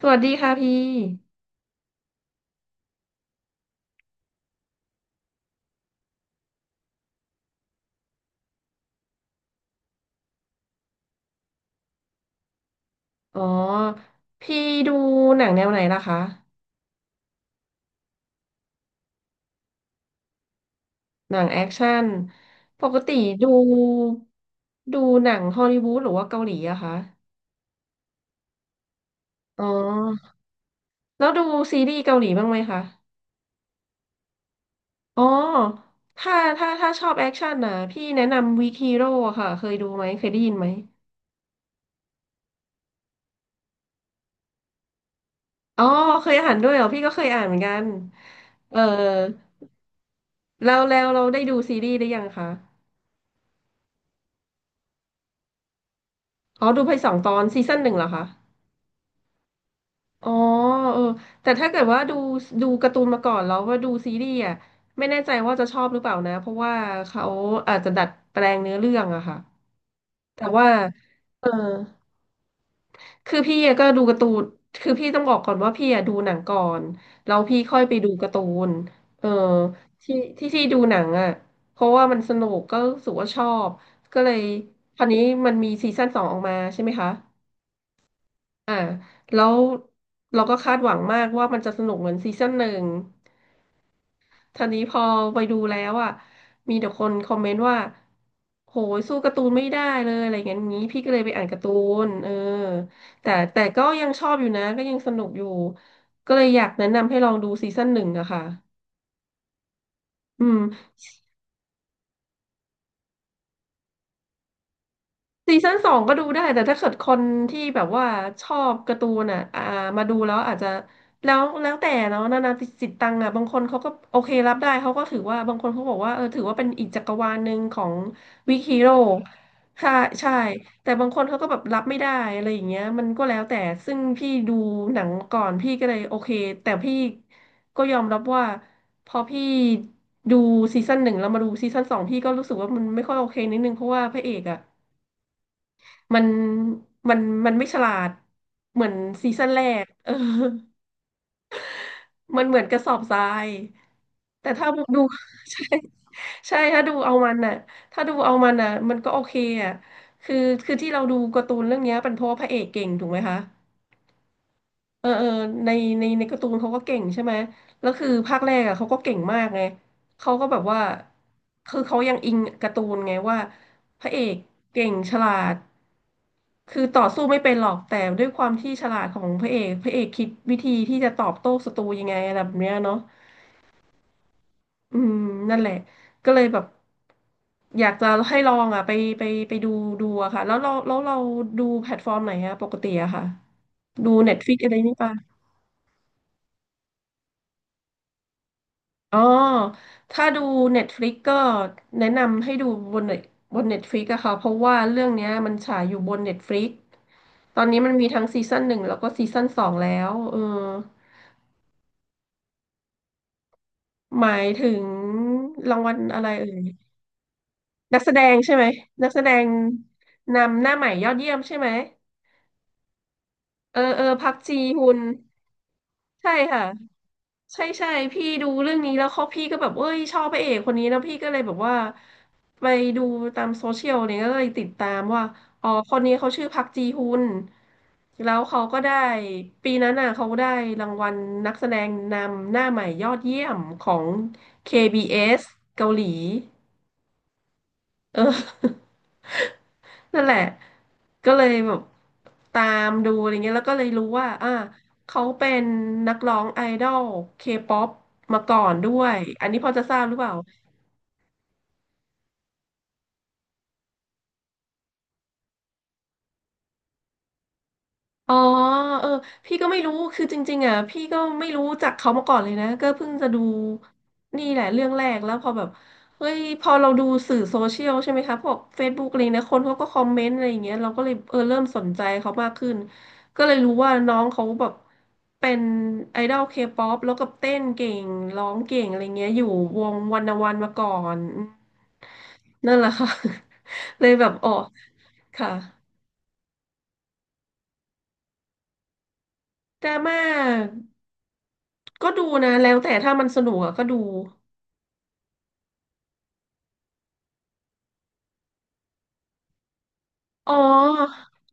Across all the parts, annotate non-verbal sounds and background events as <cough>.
สวัสดีค่ะพี่ อ๋อ พี่ดูหนังแนวไหนล่ะคะ หนังแอคชั่นปกติดูดูหนังฮอลลีวูดหรือว่าเกาหลีอะคะ อ๋อ แล้วดูซีรีส์เกาหลีบ้างไหมคะ อ๋อ ถ้าชอบแอคชั่นนะพี่แนะนำวีคฮีโร่ค่ะ เคยดูไหม เคยได้ยินไหม อ๋อ เคยอ่านด้วยเหรอ พี่ก็เคยอ่านเหมือนกัน เออแล้วเราได้ดูซีรีส์หรือยังคะ อ๋อดูไปสองตอนซีซั่นหนึ่งเหรอคะ อ๋อเออแต่ถ้าเกิดว่าดูการ์ตูนมาก่อนแล้วว่าดูซีรีส์อ่ะไม่แน่ใจว่าจะชอบหรือเปล่านะเพราะว่าเขาอาจจะดัดแปลงเนื้อเรื่องอะค่ะแต่ว่าเออคือพี่อะก็ดูการ์ตูนคือพี่ต้องบอกก่อนว่าพี่อะดูหนังก่อนแล้วพี่ค่อยไปดูการ์ตูนเออที่ดูหนังอะเพราะว่ามันสนุกก็รู้สึกว่าชอบก็เลยคราวนี้มันมีซีซั่นสองออกมาใช่ไหมคะ อ่าแล้วเราก็คาดหวังมากว่ามันจะสนุกเหมือนซีซั่นหนึ่งทีนี้พอไปดูแล้วอ่ะมีแต่คนคอมเมนต์ว่าโหยสู้การ์ตูนไม่ได้เลยอะไรเงี้ยงี้พี่ก็เลยไปอ่านการ์ตูนเออแต่ก็ยังชอบอยู่นะก็ยังสนุกอยู่ก็เลยอยากแนะนำให้ลองดูซีซั่นหนึ่งอะค่ะอืม ซีซั่นสองก็ดูได้แต่ถ้าเกิดคนที่แบบว่าชอบการ์ตูนอ่ะมาดูแล้วอาจจะแล้วแต่เนาะนานาจิตตังอ่ะบางคนเขาก็โอเครับได้เขาก็ถือว่าบางคนเขาบอกว่าเออถือว่าเป็นอีกจักรวาลหนึ่งของวิกฮีโร่ใช่ใช่แต่บางคนเขาก็แบบรับไม่ได้อะไรอย่างเงี้ยมันก็แล้วแต่ซึ่งพี่ดูหนังก่อนพี่ก็เลยโอเคแต่พี่ก็ยอมรับว่าพอพี่ดูซีซั่นหนึ่งแล้วมาดูซีซั่นสองพี่ก็รู้สึกว่ามันไม่ค่อยโอเคนิดนึงเพราะว่าพระเอกอ่ะ มันมันมันไม่ฉลาดเหมือนซีซั่นแรกเออ <laughs> มันเหมือนกระสอบทรายแต่ถ้าดู <laughs> ใช่ใช่ถ้าดูเอามันน่ะถ้าดูเอามันน่ะมันก็โอเคอ่ะคือคือที่เราดูการ์ตูนเรื่องเนี้ยเป็นเพราะว่าพระเอกเก่งถูกไหมคะ เออเออในในการ์ตูนเขาก็เก่งใช่ไหมแล้วคือภาคแรกอ่ะเขาก็เก่งมากไงเขาก็แบบว่าคือเขายังอิงการ์ตูนไงว่าพระเอกเก่งฉลาดคือต่อสู้ไม่เป็นหรอกแต่ด้วยความที่ฉลาดของพระเอกพระเอกคิดวิธีที่จะตอบโต้ศัตรูยังไงอะไรแบบเนี้ยเนาะอืมนั่นแหละก็เลยแบบอยากจะให้ลองอ่ะไปไปดูดูอะค่ะแล้วเราดูแพลตฟอร์มไหนอะปกติอะค่ะดู Netflix อะไรนี่ปะ อ๋อ ถ้าดู Netflix ก็แนะนำให้ดูบน Net- บน Netflix อะค่ะ เพราะว่าเรื่องเนี้ยมันฉายอยู่บน Netflix ตอนนี้มันมีทั้งซีซั่นหนึ่งแล้วก็ซีซั่นสองแล้วเออหมายถึงรางวัลอะไรเอ่ย นักแสดงใช่ไหม นักแสดงนำหน้าใหม่ยอดเยี่ยมใช่ไหม เออ เออ พักจีฮุน ใช่ค่ะ ใช่ใช่พี่ดูเรื่องนี้แล้วเขาพี่ก็แบบเอ้ยชอบพระเอกคนนี้แล้วพี่ก็เลยแบบว่าไปดูตามโซเชียลเนี่ยก็เลยติดตามว่าอ๋อคนนี้เขาชื่อพักจีฮุนแล้วเขาก็ได้ปีนั้นน่ะเขาได้รางวัลนักแสดงนำหน้าใหม่ยอดเยี่ยมของ KBS เอสเกาหลี เออ <laughs> นั่นแหละก็เลยแบบตามดูอะไรเงี้ยแล้วก็เลยรู้ว่าอ่า เขาเป็นนักร้องไอดอลเคป๊อปมาก่อนด้วย อันนี้พอจะทราบหรือเปล่า อ๋อเออพี่ก็ไม่รู้คือจริงๆอ่ะพี่ก็ไม่รู้จักเขามาก่อนเลยนะก็เพิ่งจะดูนี่แหละเรื่องแรกแล้วพอแบบเฮ้ยพอเราดูสื่อโซเชียลใช่ไหมคะพวก Facebook อะไรนะคนเขาก็คอมเมนต์อะไรอย่างเงี้ยเราก็เลยเออเริ่มสนใจเขามากขึ้นก็เลยรู้ว่าน้องเขาแบบเป็นไอดอลเคป๊อปแล้วก็เต้นเก่งร้องเก่งอะไรเงี้ยอยู่วงวันวันมาก่อนอืมนั่นแหละค่ะ <laughs> เลยแบบอ๋อค่ะดราม่า ก็ดูนะแล้วแต่ถ้ามันสนุกอะก็ดูอ๋อ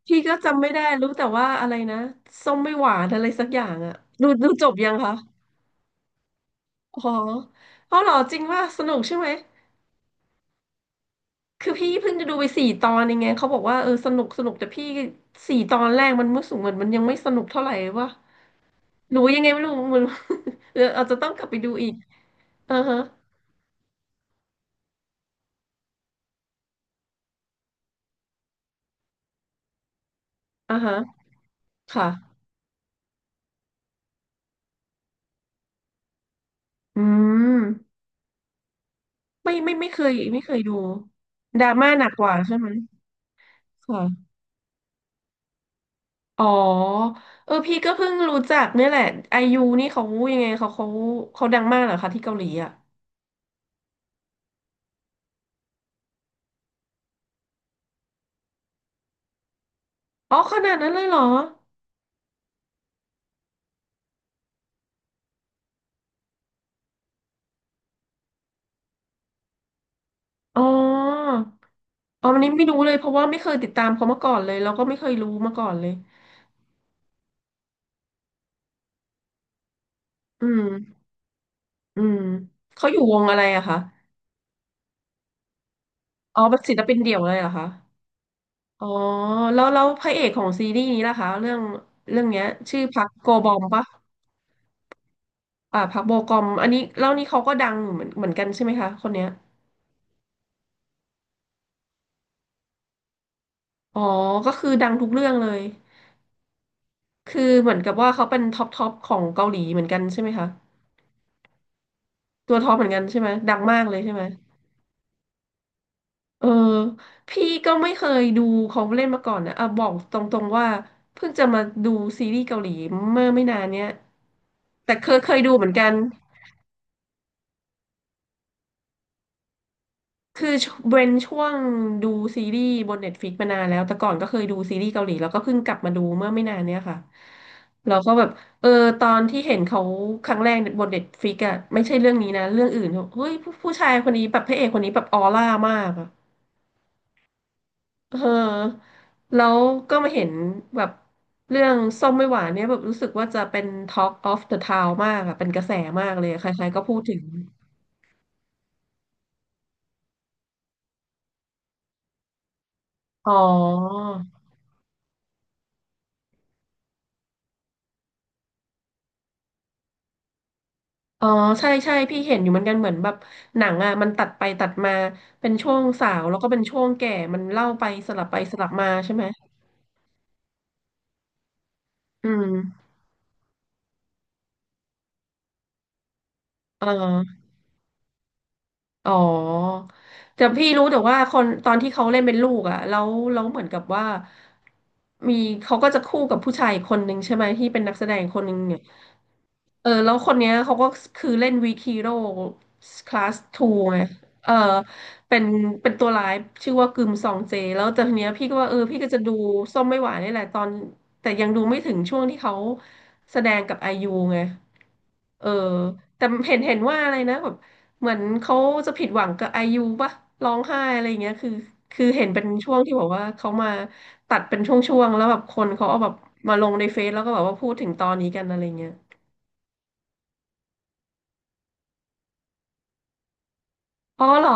พี่ก็จำไม่ได้รู้แต่ว่าอะไรนะส้มไม่หวานอะไรสักอย่างอะดูจบยังคะอ๋อเอาเหรอจริงว่าสนุกใช่ไหมคือพี่เพิ่งจะดูไปสี่ตอนยังไงเขาบอกว่าสนุกแต่พี่สี่ตอนแรกมันรู้สึกเหมือนมันยังไม่สนุกเท่าไหร่วะหนูยังไงไม่รู้ <laughs> มัน <laughs> อาจจะต้องกลับไปดูอีกอ่าฮะอ่าฮะค่ะอืมไม่เคยดูดราม่าหนักกว่าใช่ไหมค่ะ อ๋อพี่ก็เพิ่งรู้จักเนี่ยแหละไอยูนี่เขายังไงเขาเขาดังมากเหรอคะที่เกาหลีอ่ะอ๋อขนาดนั้นเลยเหรออ๋ออ๋ออันนี้ไม่รู้เลยเพราะว่าไม่เคยติดตามเขามาก่อนเลยแล้วก็ไม่เคยรู้มาก่อนเลยอืมอืมเขาอยู่วงอะไรอะคะอ๋อเป็นศิลปินเดี่ยวเลยเหรอคะอ๋อแล้วพระเอกของซีรีส์นี้ล่ะคะเรื่องเนี้ยชื่อพักโกบอมปะอ่าพักโบกอมอันนี้แล้วนี่เขาก็ดังเหมือนกันใช่ไหมคะคนเนี้ย อ๋อก็คือดังทุกเรื่องเลยคือเหมือนกับว่าเขาเป็นท็อปของเกาหลีเหมือนกันใช่ไหมคะตัวท็อปเหมือนกันใช่ไหมดังมากเลยใช่ไหมเออพี่ก็ไม่เคยดูเขาเล่นมาก่อนนะอ่ะบอกตรงๆว่าเพิ่งจะมาดูซีรีส์เกาหลีเมื่อไม่นานเนี้ยแต่เคยดูเหมือนกัน คือเว้นช่วงดูซีรีส์บนเน็ตฟ i ิกมานานแล้วแต่ก่อนก็เคยดูซีรีส์เกาหลีแล้วก็เพิ่งกลับมาดูเมื่อไม่นานเนี้ยค่ะเราก็แบบเออตอนที่เห็นเขาครั้งแรกบนเน็ตฟ i ิกอะไม่ใช่เรื่องนี้นะเรื่องอื่นเฮ้ยผู้ชายคนนี้แบบพระเอกคนนี้แบบออร่ามากอะเออแล้วก็มาเห็นแบบเรื่องส้มไม่หวานเนี่ยแบบรู้สึกว่าจะเป็น Talk of the Town มากอะเป็นกระแสมากเลยอะใครๆก็พูดถึงอ๋อ อ๋อใช่ใช่พี่เห็นอยู่เหมือนกันเหมือนแบบหนังอ่ะมันตัดไปตัดมาเป็นช่วงสาวแล้วก็เป็นช่วงแก่มันเล่าไปสลับไปสลับมาใช่ไหมอืมเอออ๋อแต่พี่รู้แต่ว่าคนตอนที่เขาเล่นเป็นลูกอ่ะแล้วเหมือนกับว่ามีเขาก็จะคู่กับผู้ชายอีกคนนึงใช่ไหมที่เป็นนักแสดงคนนึงเนี่ย แล้วคนเนี้ยเขาก็คือเล่นวีคีโร่คลาสทูไงเออเป็นเป็นตัวร้ายชื่อว่ากึมซองเจแล้วแต่ทีเนี้ยพี่ก็ว่าพี่ก็จะดูส้มไม่หวานนี่แหละตอนแต่ยังดูไม่ถึงช่วงที่เขาแสดงกับไอยูไงเออแต่เห็นว่าอะไรนะแบบเหมือนเขาจะผิดหวังกับไอยูป่ะร้องไห้อะไรอย่างเงี้ยคือคือเห็นเป็นช่วงที่บอกว่าเขามาตัดเป็นช่วงๆแล้วแบบคนเขาเอาแบบมาลงในเฟซแล้วก็แบบว่าพูดถึงตอนนี้กันอะไรเงี้ยอ๋อเหรอ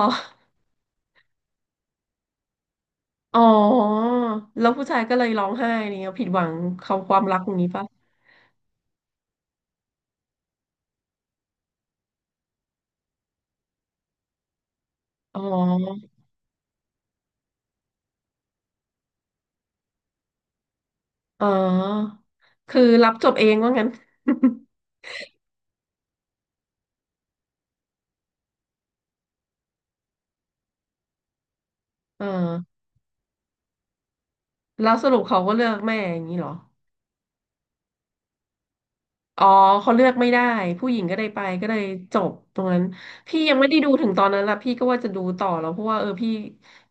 อ๋อแล้วผู้ชายก็เลยร้องไห้อะไรเนี้ยผิดหวังเขาความรักตรงนี้ปะอ๋ออ๋อคือรับจบเองว่างั้น <laughs> เออแล้วสรุปเขาก็เลือกแม่อย่างนี้เหรอ อ๋อเขาเลือกไม่ได้ผู้หญิงก็ได้ไปก็เลยจบตรงนั้นพี่ยังไม่ได้ดูถึงตอนนั้นละพี่ก็ว่าจะดูต่อแล้วเพราะว่าพี่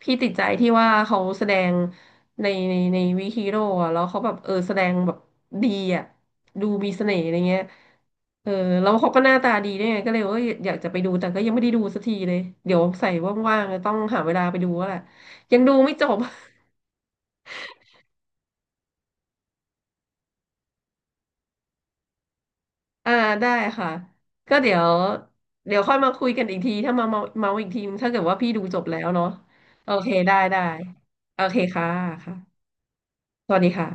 พี่ติดใจที่ว่าเขาแสดงในวีฮีโร่อะแล้วเขาแบบแสดงแบบดีอะดูมีเสน่ห์อะไรเงี้ยเออแล้วเขาก็หน้าตาดีด้วยไงก็เลยว่าอยากจะไปดูแต่ก็ยังไม่ได้ดูสักทีเลยเดี๋ยวใส่ว่างๆจะต้องหาเวลาไปดูแล้วแหละยังดูไม่จบ อ่าได้ค่ะก็เดี๋ยวเดี๋ยวค่อยมาคุยกันอีกทีถ้ามาเมาอีกทีถ้าเกิดว่าพี่ดูจบแล้วเนาะโอเคได้ได้โอเคค่ะค่ะสวัสดีค่ะ